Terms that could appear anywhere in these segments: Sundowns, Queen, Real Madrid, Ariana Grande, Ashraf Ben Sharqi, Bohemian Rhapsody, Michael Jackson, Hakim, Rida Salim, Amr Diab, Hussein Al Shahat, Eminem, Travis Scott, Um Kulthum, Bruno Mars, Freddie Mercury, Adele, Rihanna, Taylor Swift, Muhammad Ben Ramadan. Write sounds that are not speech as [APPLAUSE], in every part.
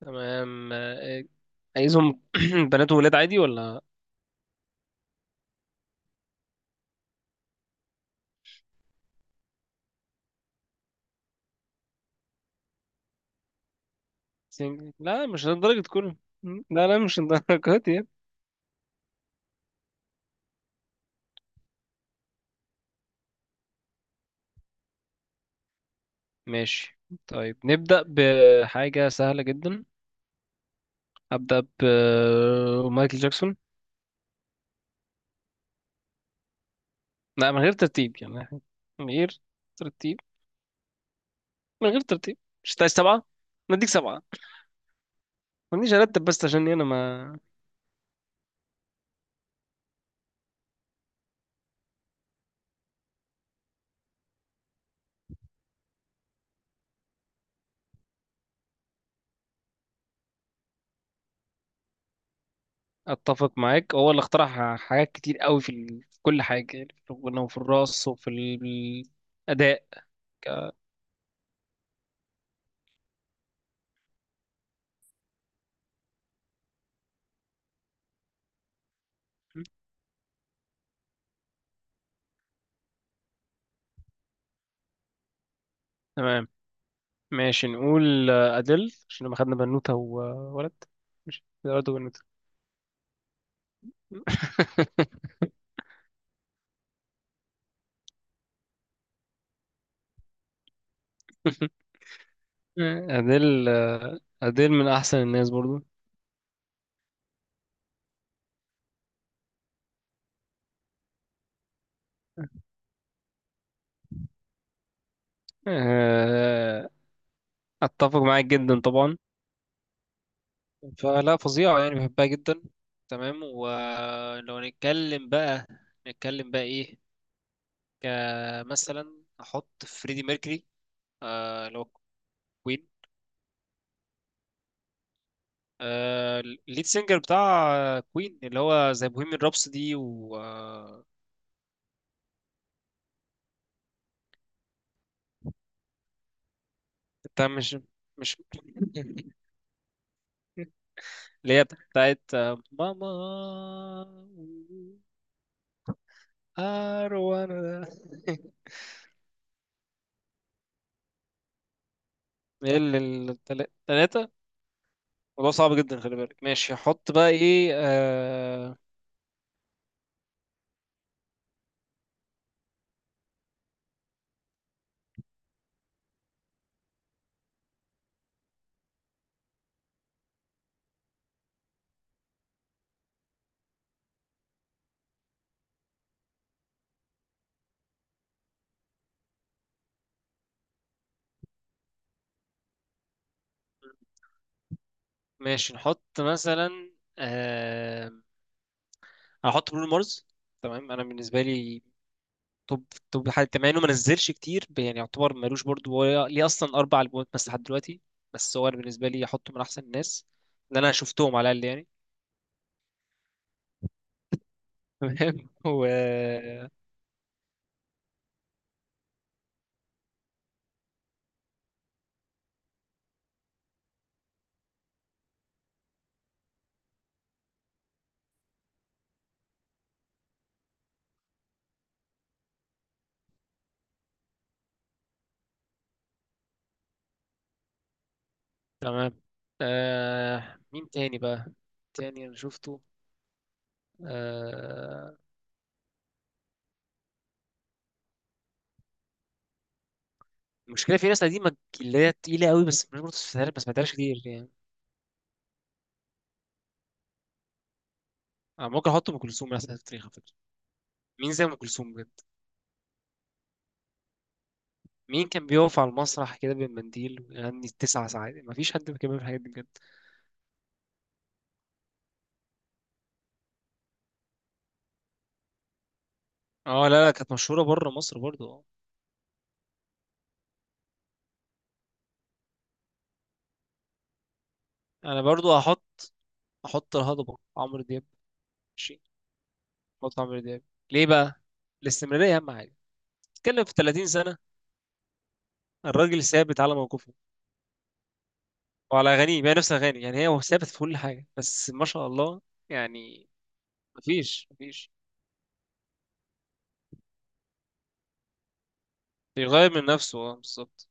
تمام آه، عايزهم [CLEARS THROAT] بنات وولاد عادي ولا سنجل؟ لا مش لدرجة كله. لا مش لدرجة يعني. ماشي. طيب نبدأ بحاجة سهلة جدا. أبدأ بمايكل جاكسون. لا، من غير ترتيب يعني. من غير ترتيب من غير ترتيب. مش عايز سبعة نديك سبعة. ما تجيش أرتب بس عشان أنا ما أتفق معاك. هو اللي اخترع حاجات كتير قوي في كل حاجة، يعني في الغنى وفي الرقص وفي الأداء. تمام ماشي. نقول أديل عشان لما خدنا بنوتة وولد، مش ولد وبنوتة. [LAUGHS] أديل، أديل من أحسن الناس برضو. آه، أتفق معاك جدا طبعا. فلا فظيعة يعني، بحبها جدا. تمام. ولو نتكلم بقى، نتكلم بقى إيه؟ كمثلا أحط فريدي ميركوري، اللي هو كوين. الليد سينجر بتاع كوين، اللي هو زي بوهيميان رابسودي. انت مش اللي هي بتاعت ماما، أروان. ايه اللي التلاتة؟ الموضوع صعب جدا، خلي بالك. ماشي، هحط بقى ايه؟ ماشي. نحط مثلا آه... هحط برونو مارس. تمام، انا بالنسبة لي توب، توب حاجة. مع انه ما نزلش كتير، يعني يعتبر مالوش برضو، هو ليه اصلا 4 البومات بس لحد دلوقتي. بس هو انا بالنسبة لي هحطه من احسن الناس اللي انا شفتهم على الاقل يعني. تمام. [LAUGHS] و تمام، مين تاني بقى؟ تاني انا شفته آه... المشكله في ناس قديمه اللي هي تقيله قوي، بس مش ما سمعتهاش كتير يعني. انا ممكن احط ام كلثوم مثلا في التاريخ على فكره. مين زي ام كلثوم بجد؟ مين كان بيقف على المسرح كده بالمنديل ويغني 9 ساعات؟ ما فيش حد كان بيعمل الحاجات دي بجد. اه لا، لا كانت مشهوره بره مصر برضه اه. انا برضه احط، احط الهضبه عمرو دياب. ماشي، احط عمرو دياب. ليه بقى؟ الاستمراريه اهم حاجه. تتكلم في 30 سنه، الراجل ثابت على موقفه وعلى اغانيه، هي نفس اغاني يعني، هي هو ثابت في كل حاجه، بس ما شاء الله يعني. مفيش بيغير من نفسه، اه بالظبط.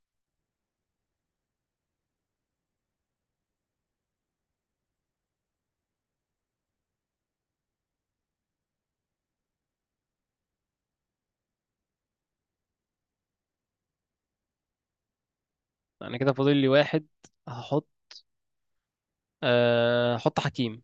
انا كده فاضل لي واحد هحط. أه، هحط حكيم.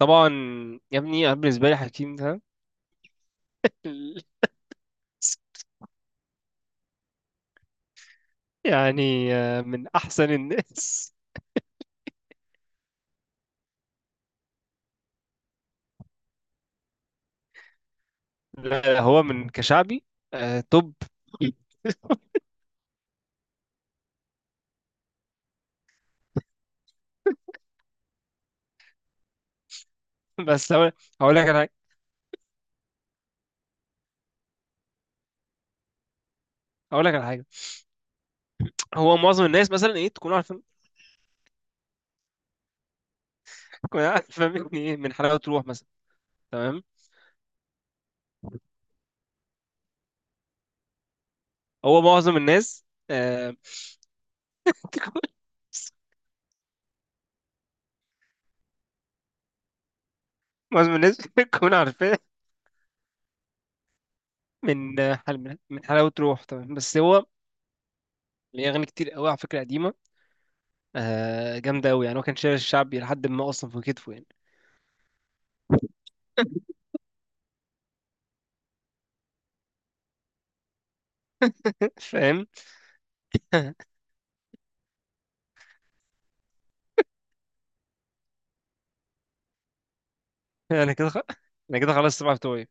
طبعا يا ابني، أنا بالنسبه لي حكيم ده [LAUGHS] يعني من احسن الناس. لا، هو من كشعبي توب. [LAUGHS] بس هقول لك على حاجه. هقول لك على حاجه. هو معظم الناس مثلا ايه تكون عارفه؟ تكون عارفه مني ايه؟ من حلاوه روح مثلا. تمام. هو معظم الناس آه، [LAUGHS] معظم الناس بتكون عارفاه من آه، حل من من حلاوة روح طبعا. بس هو ليه أغاني كتير قوي على فكرة قديمة، جامدة قوي يعني. هو كان شايل الشعبي لحد ما أصلا في كتفه يعني. [LAUGHS] فاهم. [LAUGHS] أنا كده خ... أنا كده خلاص السبعة بتوعي.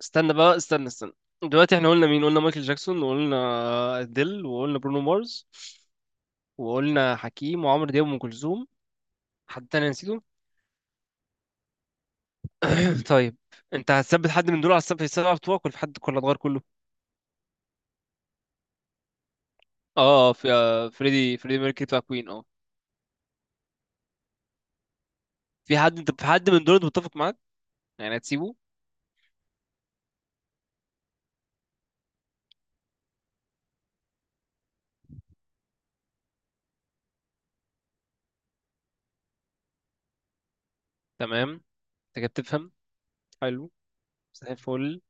استنى بقى، استنى، استنى. دلوقتي احنا قلنا مين؟ قلنا مايكل جاكسون، وقلنا أديل، وقلنا برونو مارس، وقلنا حكيم، وعمرو دياب، وأم كلثوم. حد تاني نسيته؟ [CLEARS THROAT] طيب، انت هتثبت حد من دول على السبعة، السبعة بتوعك، ولا في حد، ولا تغير كله؟ اه، في فريدي ميركوري بتاع كوين، اه. في حد، انت في حد من دول انت متفق معاك؟ يعني هتسيبه؟ تمام، انت كده بتفهم. حلو، زي الفل.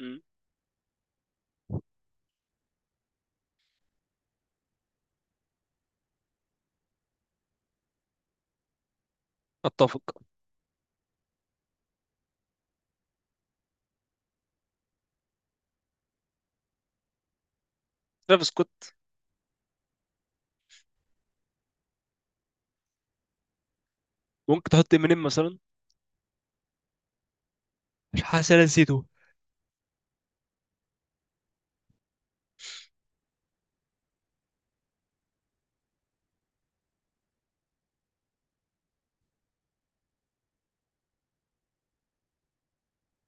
مم. اتفق. ترافيس سكوت. ممكن تحط امينيم مثلا؟ مش حاسس انا نسيته.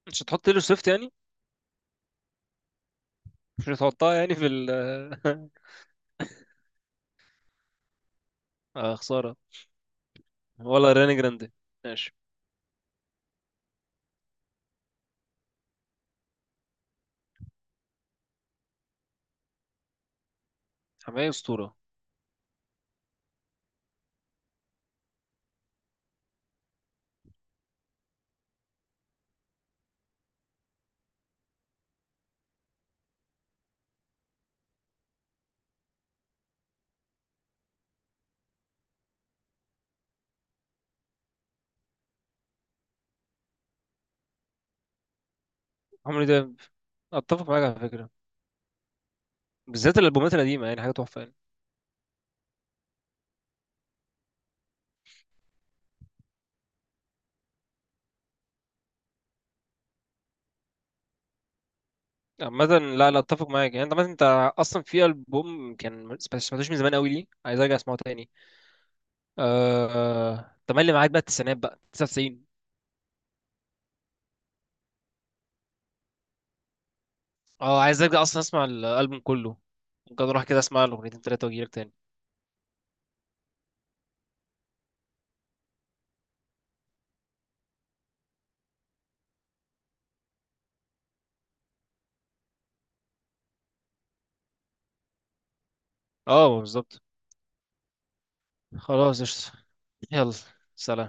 مش هتحط تيلور سويفت يعني؟ مش هتحطها يعني في ال [LAUGHS] اه خساره. ولا ريانا جراندي؟ ماشي. حماية اسطوره. عمري ده. اتفق معاك على فكره، بالذات الالبومات القديمه، يعني حاجه تحفه يعني. عامة لا لا، اتفق معاك يعني. انت عامة انت اصلا في البوم كان ما سمعتوش من زمان قوي، ليه عايز ارجع اسمعه تاني. تملي معاك بقى، التسعينات بقى 99. اه، عايز ارجع اصلا اسمع الالبوم كله. ممكن اروح كده اسمع الاغنيتين تلاتة واجيلك تاني. اه بالظبط. خلاص قشطة. يلا سلام.